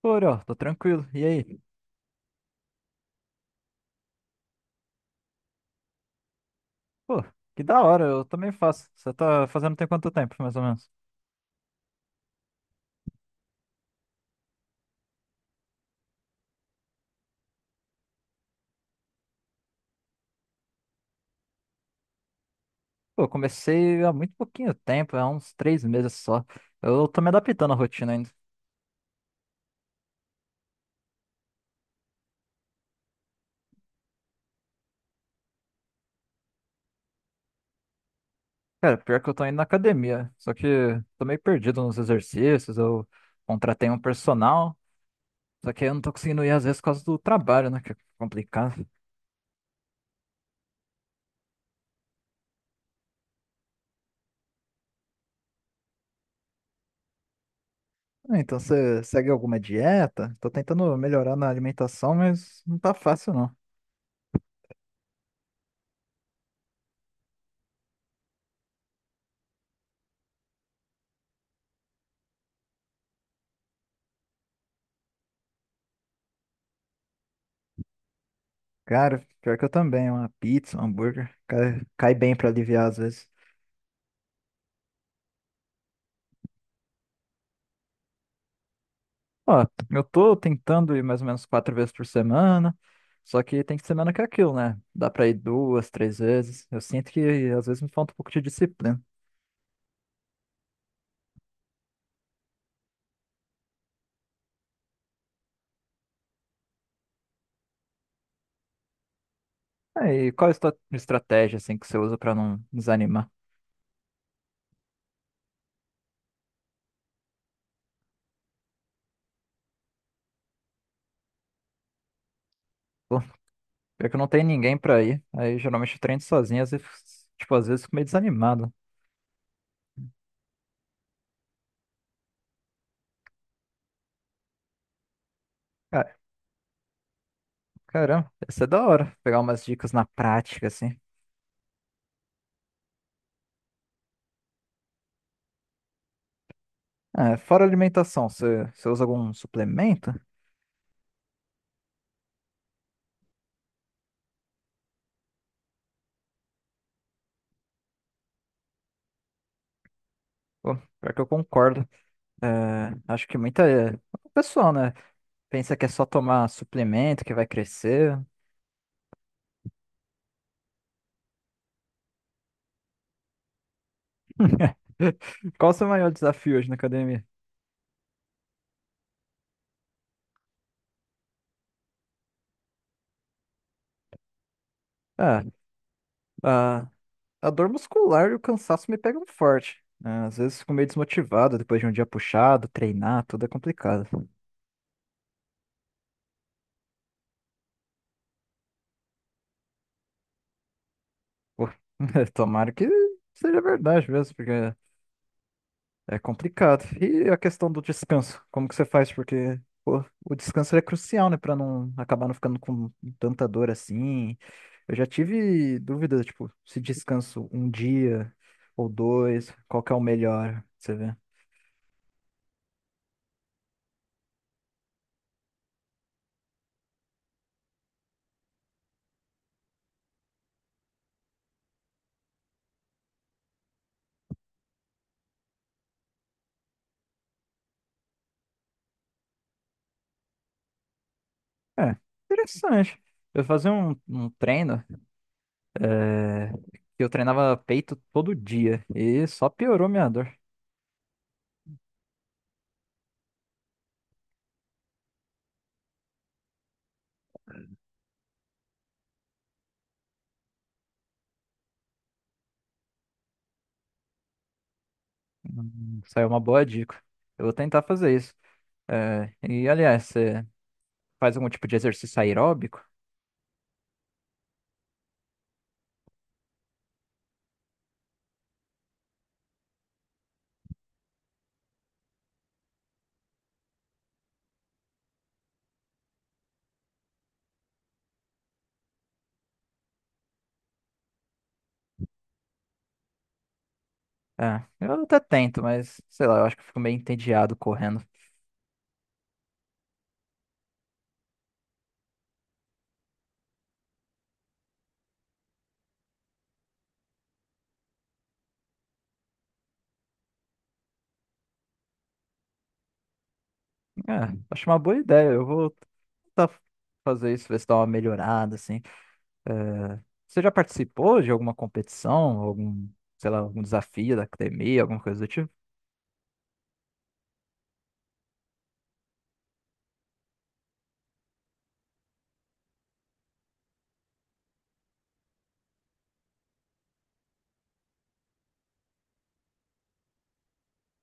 Pô, Uriel, tô tranquilo. E aí? Pô, que da hora, eu também faço. Você tá fazendo tem quanto tempo, mais ou menos? Pô, comecei há muito pouquinho tempo, há uns 3 meses só. Eu tô me adaptando à rotina ainda. Cara, pior que eu tô indo na academia, só que tô meio perdido nos exercícios, eu contratei um personal, só que eu não tô conseguindo ir às vezes por causa do trabalho, né, que é complicado. Ah, então você segue alguma dieta? Tô tentando melhorar na alimentação, mas não tá fácil. Cara, pior que eu também, uma pizza, um hambúrguer, cai bem pra aliviar às vezes. Ó, eu tô tentando ir mais ou menos 4 vezes por semana, só que tem semana que é aquilo, né? Dá pra ir duas, três vezes. Eu sinto que às vezes me falta um pouco de disciplina. Aí, qual é a estratégia, assim, que você usa pra não desanimar? Pô, pior que eu não tenho ninguém pra ir, aí geralmente eu treino sozinho, às vezes, tipo, às vezes eu fico meio desanimado. Cara, caramba, ia ser da hora pegar umas dicas na prática, assim. É, fora alimentação, você usa algum suplemento? Pô, pior que eu concordo. É, acho que muita pessoa, né, pensa que é só tomar suplemento que vai crescer. Qual o seu maior desafio hoje na academia? Ah, a, a dor muscular e o cansaço me pegam forte, né? Às vezes fico meio desmotivado depois de um dia puxado, treinar, tudo é complicado. Pô, tomara que seja verdade mesmo, porque é complicado. E a questão do descanso? Como que você faz? Porque pô, o descanso é crucial, né? Pra não acabar não ficando com tanta dor assim. Eu já tive dúvida, tipo, se descanso um dia ou dois, qual que é o melhor, você vê? É, interessante. Eu fazia um treino, é, que eu treinava peito todo dia e só piorou minha dor. Saiu uma boa dica. Eu vou tentar fazer isso. É, e aliás, você faz algum tipo de exercício aeróbico? Ah, eu até tento, mas sei lá, eu acho que eu fico meio entediado correndo. É, acho uma boa ideia. Eu vou tentar fazer isso, ver se dá uma melhorada, assim. É, você já participou de alguma competição, algum, sei lá, algum desafio da academia, alguma coisa do tipo?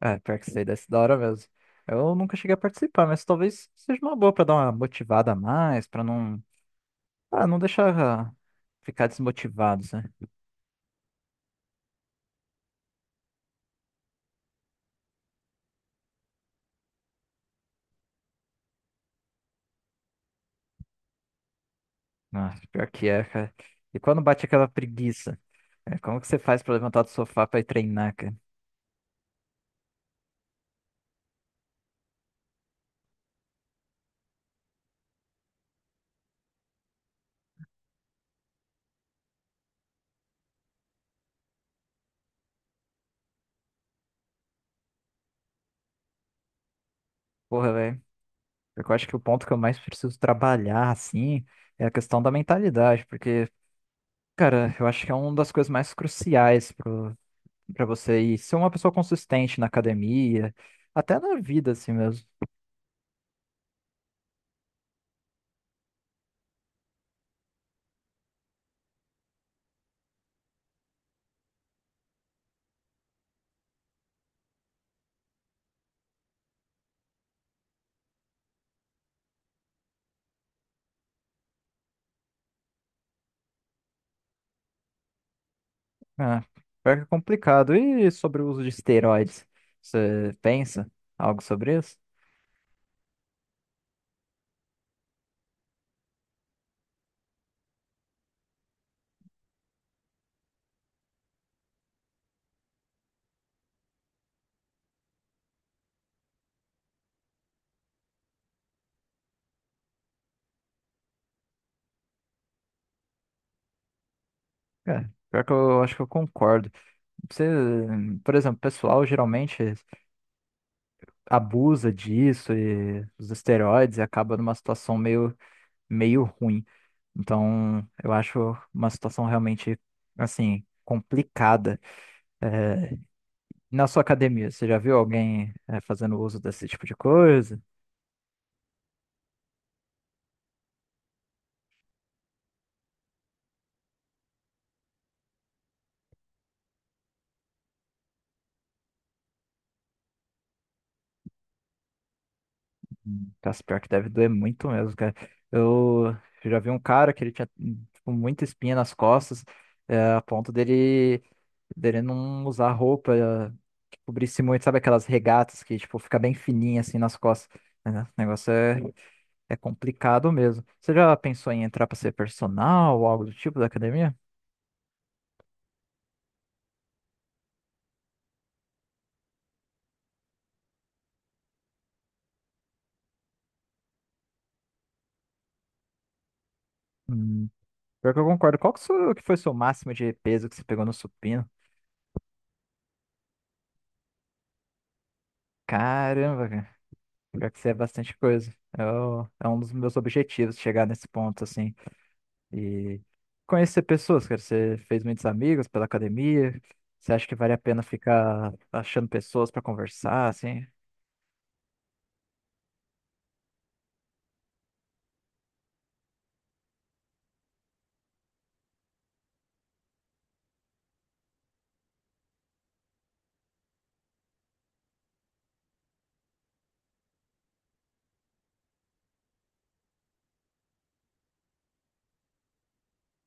É, pior que sei, deve ser da hora mesmo. Eu nunca cheguei a participar, mas talvez seja uma boa pra dar uma motivada a mais, pra não, não deixar ficar desmotivados, né? Nossa, pior que é, cara. E quando bate aquela preguiça, como que você faz pra levantar do sofá pra ir treinar, cara? Porra, velho. Porque eu acho que o ponto que eu mais preciso trabalhar, assim, é a questão da mentalidade, porque, cara, eu acho que é uma das coisas mais cruciais pra você ir ser uma pessoa consistente na academia, até na vida, assim mesmo. Ah, pior que é complicado. E sobre o uso de esteroides? Você pensa algo sobre isso? É, pior que eu acho que eu concordo. Você, por exemplo, o pessoal geralmente abusa disso e os esteroides e acaba numa situação meio, meio ruim. Então, eu acho uma situação realmente, assim, complicada. É, na sua academia, você já viu alguém, fazendo uso desse tipo de coisa? Nossa, pior que deve doer muito mesmo, cara. Eu já vi um cara que ele tinha, tipo, muita espinha nas costas, a ponto dele não usar roupa que cobrisse muito, sabe aquelas regatas que, tipo, fica bem fininha, assim, nas costas. É, né? O negócio é complicado mesmo. Você já pensou em entrar pra ser personal ou algo do tipo da academia? Hum, pior que eu concordo. Qual que, que foi o seu máximo de peso que você pegou no supino? Caramba, pior que isso é bastante coisa. É, é um dos meus objetivos chegar nesse ponto, assim. E conhecer pessoas, cara. Você fez muitos amigos pela academia. Você acha que vale a pena ficar achando pessoas pra conversar, assim?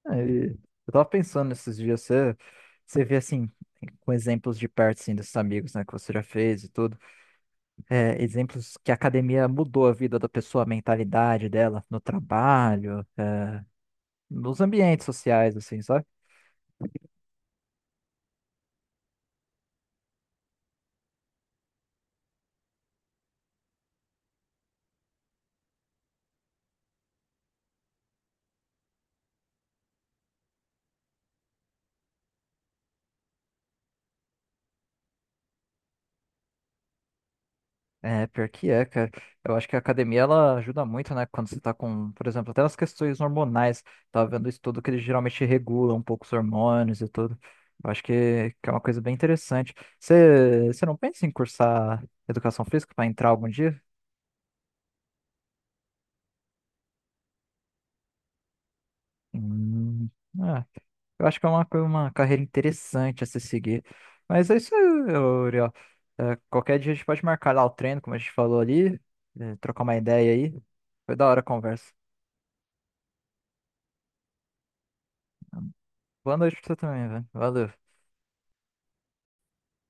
Aí, eu tava pensando nesses dias, você vê, assim, com exemplos de perto, assim, desses amigos, né, que você já fez e tudo. É, exemplos que a academia mudou a vida da pessoa, a mentalidade dela no trabalho, nos ambientes sociais, assim, sabe? É, pior que é, cara. Eu acho que a academia ela ajuda muito, né? Quando você tá com, por exemplo, até nas questões hormonais. Tava vendo isso tudo que eles geralmente regulam um pouco os hormônios e tudo. Eu acho que é uma coisa bem interessante. Você não pensa em cursar educação física para entrar algum dia? Hum, ah, eu acho que é uma carreira interessante a se seguir. Mas é isso aí, ô, Uriel. É, qualquer dia a gente pode marcar lá o treino, como a gente falou ali, trocar uma ideia aí. Foi da hora a conversa. Boa noite pra você também, velho. Valeu.